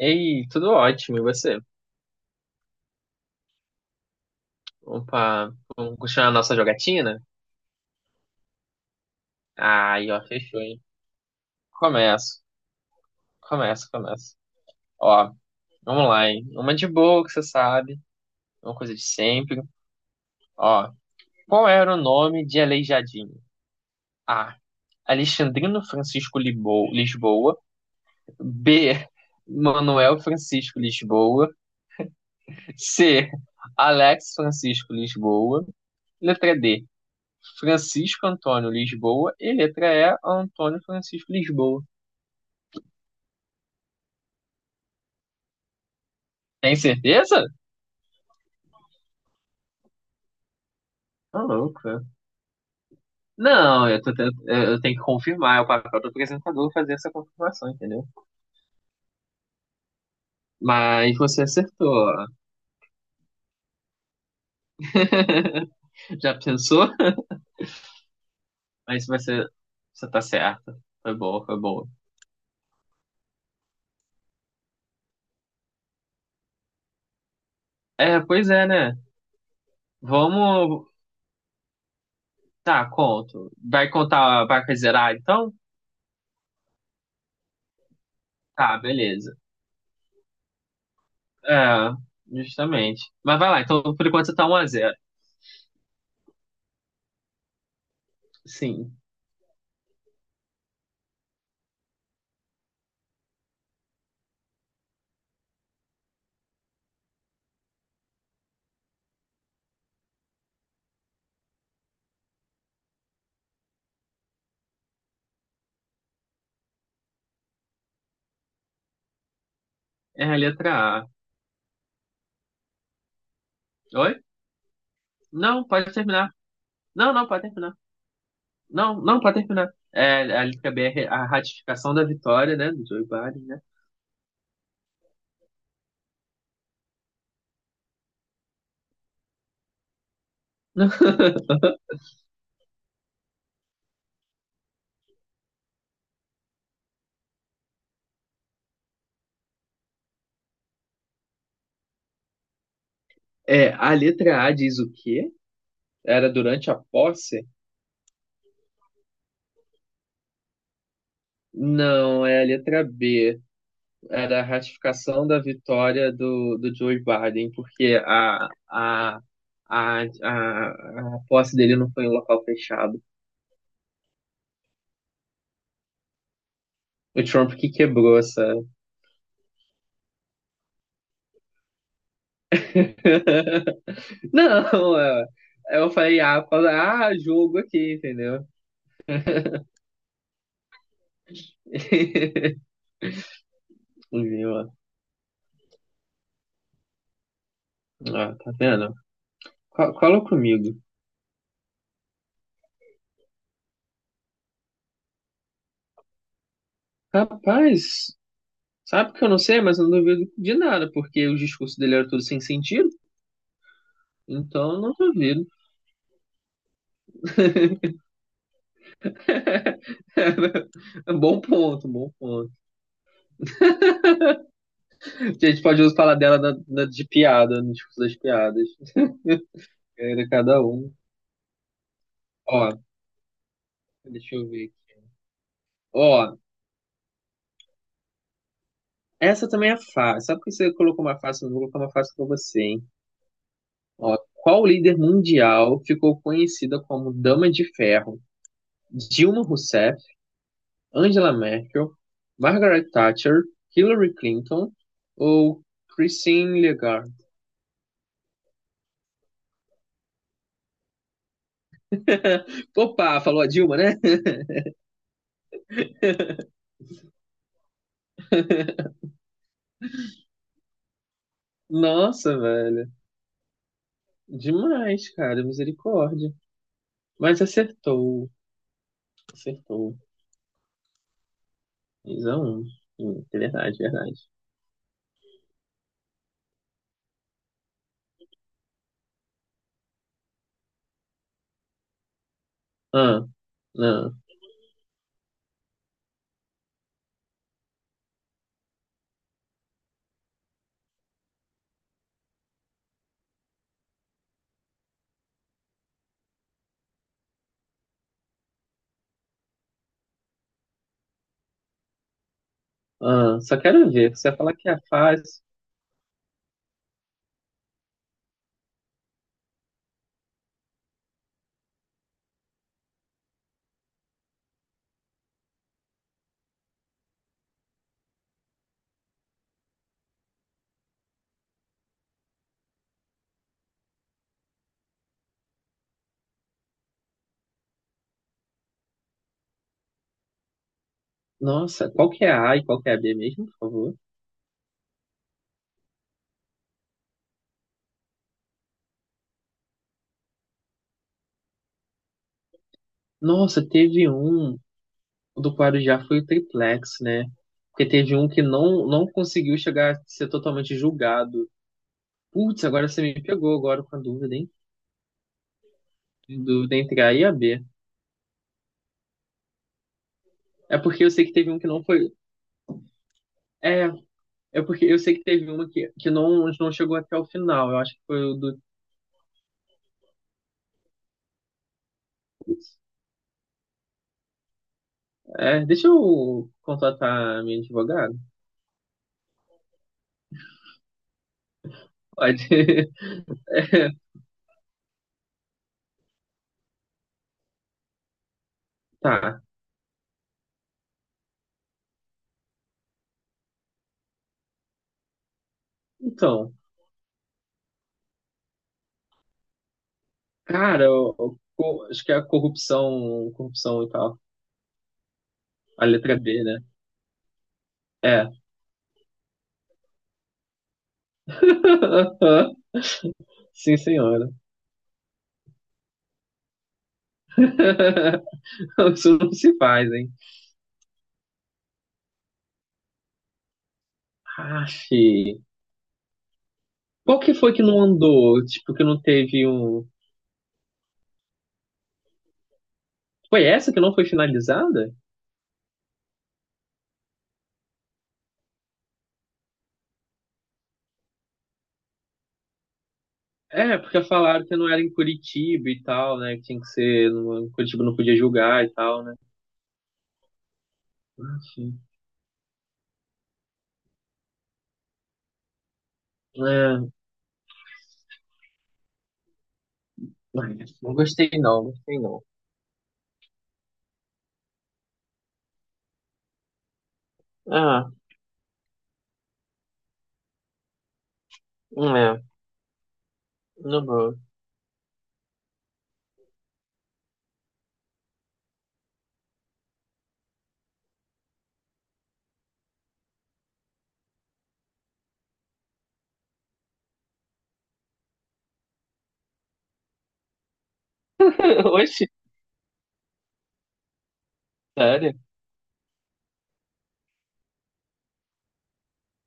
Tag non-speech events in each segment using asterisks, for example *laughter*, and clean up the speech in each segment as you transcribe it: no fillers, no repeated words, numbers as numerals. Ei, tudo ótimo, e você? Opa, vamos continuar a nossa jogatina? Aí, ó, fechou, hein? Começo, começo, começo. Ó, vamos lá, hein? Uma de boa que você sabe, uma coisa de sempre. Ó, qual era o nome de Aleijadinho? A. Alexandrino Francisco Lisboa. B. Manuel Francisco Lisboa. C. Alex Francisco Lisboa. Letra D. Francisco Antônio Lisboa e letra E, Antônio Francisco Lisboa. Tem certeza? Tá louco, né? Não, eu, tô tent- eu tenho que confirmar, é o papel do apresentador fazer essa confirmação, entendeu? Mas você acertou, ó. *laughs* Já pensou? Mas você tá certa. Foi boa, foi boa. É, pois é, né? Vamos. Tá, conto. Vai contar, vai zerar então? Tá, beleza. É, justamente. Mas vai lá, então por enquanto você tá 1x0. Sim. É a letra A. Oi? Não, pode terminar. Não, não, pode terminar. Não, não, pode terminar. É, a letra B é a ratificação da vitória, né, do Joe Biden, né? É, a letra A diz o quê? Era durante a posse? Não, é a letra B. Era a ratificação da vitória do Joe Biden, porque a, a, a posse dele não foi em um local fechado. O Trump que quebrou, sabe? *laughs* Não, é. É, eu falei, ah, fala, ah, jogo aqui, entendeu? *laughs* Viu, ó. Ah, tá vendo? Cola comigo. Rapaz, sabe que eu não sei, mas eu não duvido de nada, porque os discursos dele eram tudo sem sentido, então eu não duvido. *laughs* É bom ponto, bom ponto. A gente pode usar falar dela de piada, no discurso das piadas. Era cada um. Ó, deixa eu ver aqui. Ó, essa também é fácil. Sabe por que você colocou uma fácil? Eu não vou colocar uma fácil pra você, hein? Ó, qual líder mundial ficou conhecida como Dama de Ferro? Dilma Rousseff, Angela Merkel, Margaret Thatcher, Hillary Clinton ou Christine Lagarde? *laughs* Opa, falou a Dilma, né? Nossa, velho. Demais, cara. Misericórdia. Mas acertou. Acertou. 3 um, 1. É verdade, é verdade. Ah, não, ah. Só quero ver. Você vai falar que é fácil. Nossa, qual que é a A e qual que é a B mesmo, por favor? Nossa, teve um do Guarujá foi o triplex, né? Porque teve um que não conseguiu chegar a ser totalmente julgado. Putz, agora você me pegou agora com a dúvida, hein? Dúvida entre A e a B. É porque eu sei que teve um que não foi. É, é porque eu sei que teve uma que não chegou até o final. Eu acho que foi o do. Putz, é, deixa eu contratar a minha advogada. Pode. *laughs* Tá. Então, cara, acho que é a corrupção, corrupção e tal. A letra B, né? É. *laughs* Sim, senhora. *laughs* Isso não se faz, hein? Aff. Qual que foi que não andou? Tipo, que não teve um. Foi essa que não foi finalizada? É, porque falaram que não era em Curitiba e tal, né? Que tinha que ser. Curitiba não podia julgar e tal, né? Enfim. É, ai, não gostei não, gostei não. Ah, é, não vou. *laughs* Oxe, sério?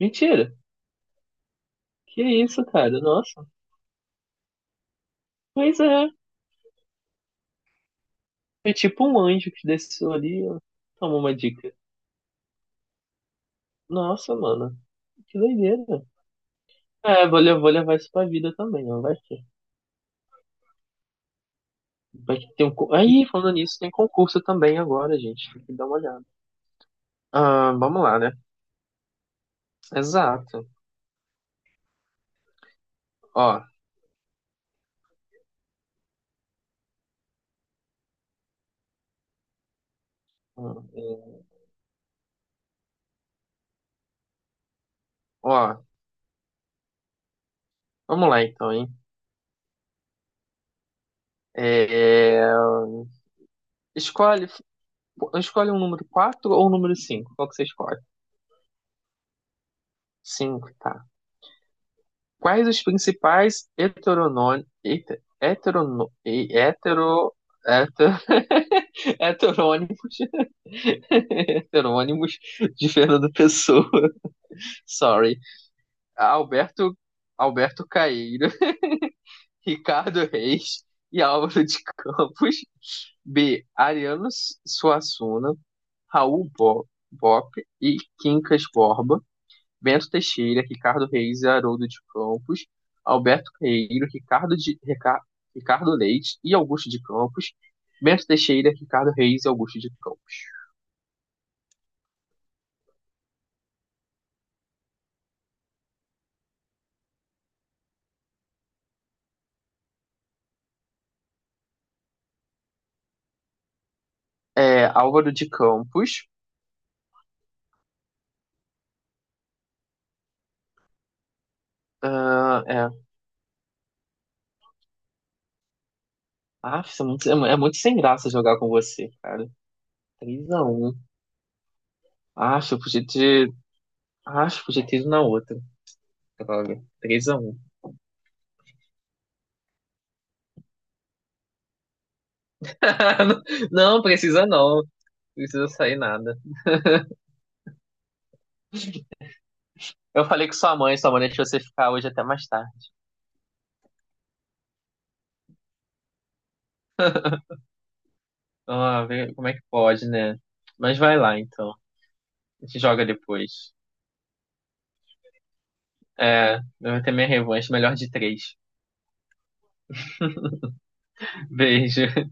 Mentira. Que isso, cara? Nossa. Pois é. Foi tipo um anjo que desceu ali, ó. Toma uma dica. Nossa, mano. Que doideira. É, vou, vou levar isso pra vida também, ó. Vai que. Vai que tem um. Aí, falando nisso, tem concurso também agora, gente. Tem que dar uma olhada. Ah, vamos lá, né? Exato. Ó. hum, é, Ó. Vamos lá então, hein? É, escolhe. Escolhe um número 4 ou um número 5. Qual que você escolhe? 5, tá. Quais os principais heteronônimos, heterono, e- hetero, heter- *laughs* heterônimos, *laughs* heterônimos de Fernando Pessoa? *laughs* Sorry. Alberto, Alberto Caeiro, *laughs* Ricardo Reis e Álvaro de Campos. B. Ariano Suassuna, Raul Bop e Quincas Borba. Bento Teixeira, Ricardo Reis e Haroldo de Campos, Alberto Queiro, Ricardo Leite e Augusto de Campos, Bento Teixeira, Ricardo Reis e Augusto de Campos. É, Álvaro de Campos. Ah, é. Ah, é muito sem graça jogar com você, cara. 3 a 1. Acho, eu podia ter. Acho, eu podia ter ido na outra. Droga. 3x1. *laughs* Não, precisa não. Não precisa sair nada. Eu falei que sua mãe deixou você ficar hoje até mais tarde. Ah, vê como é que pode, né? Mas vai lá, então. A gente joga depois. É, eu vou ter minha revanche, melhor de 3. *laughs* Beijo.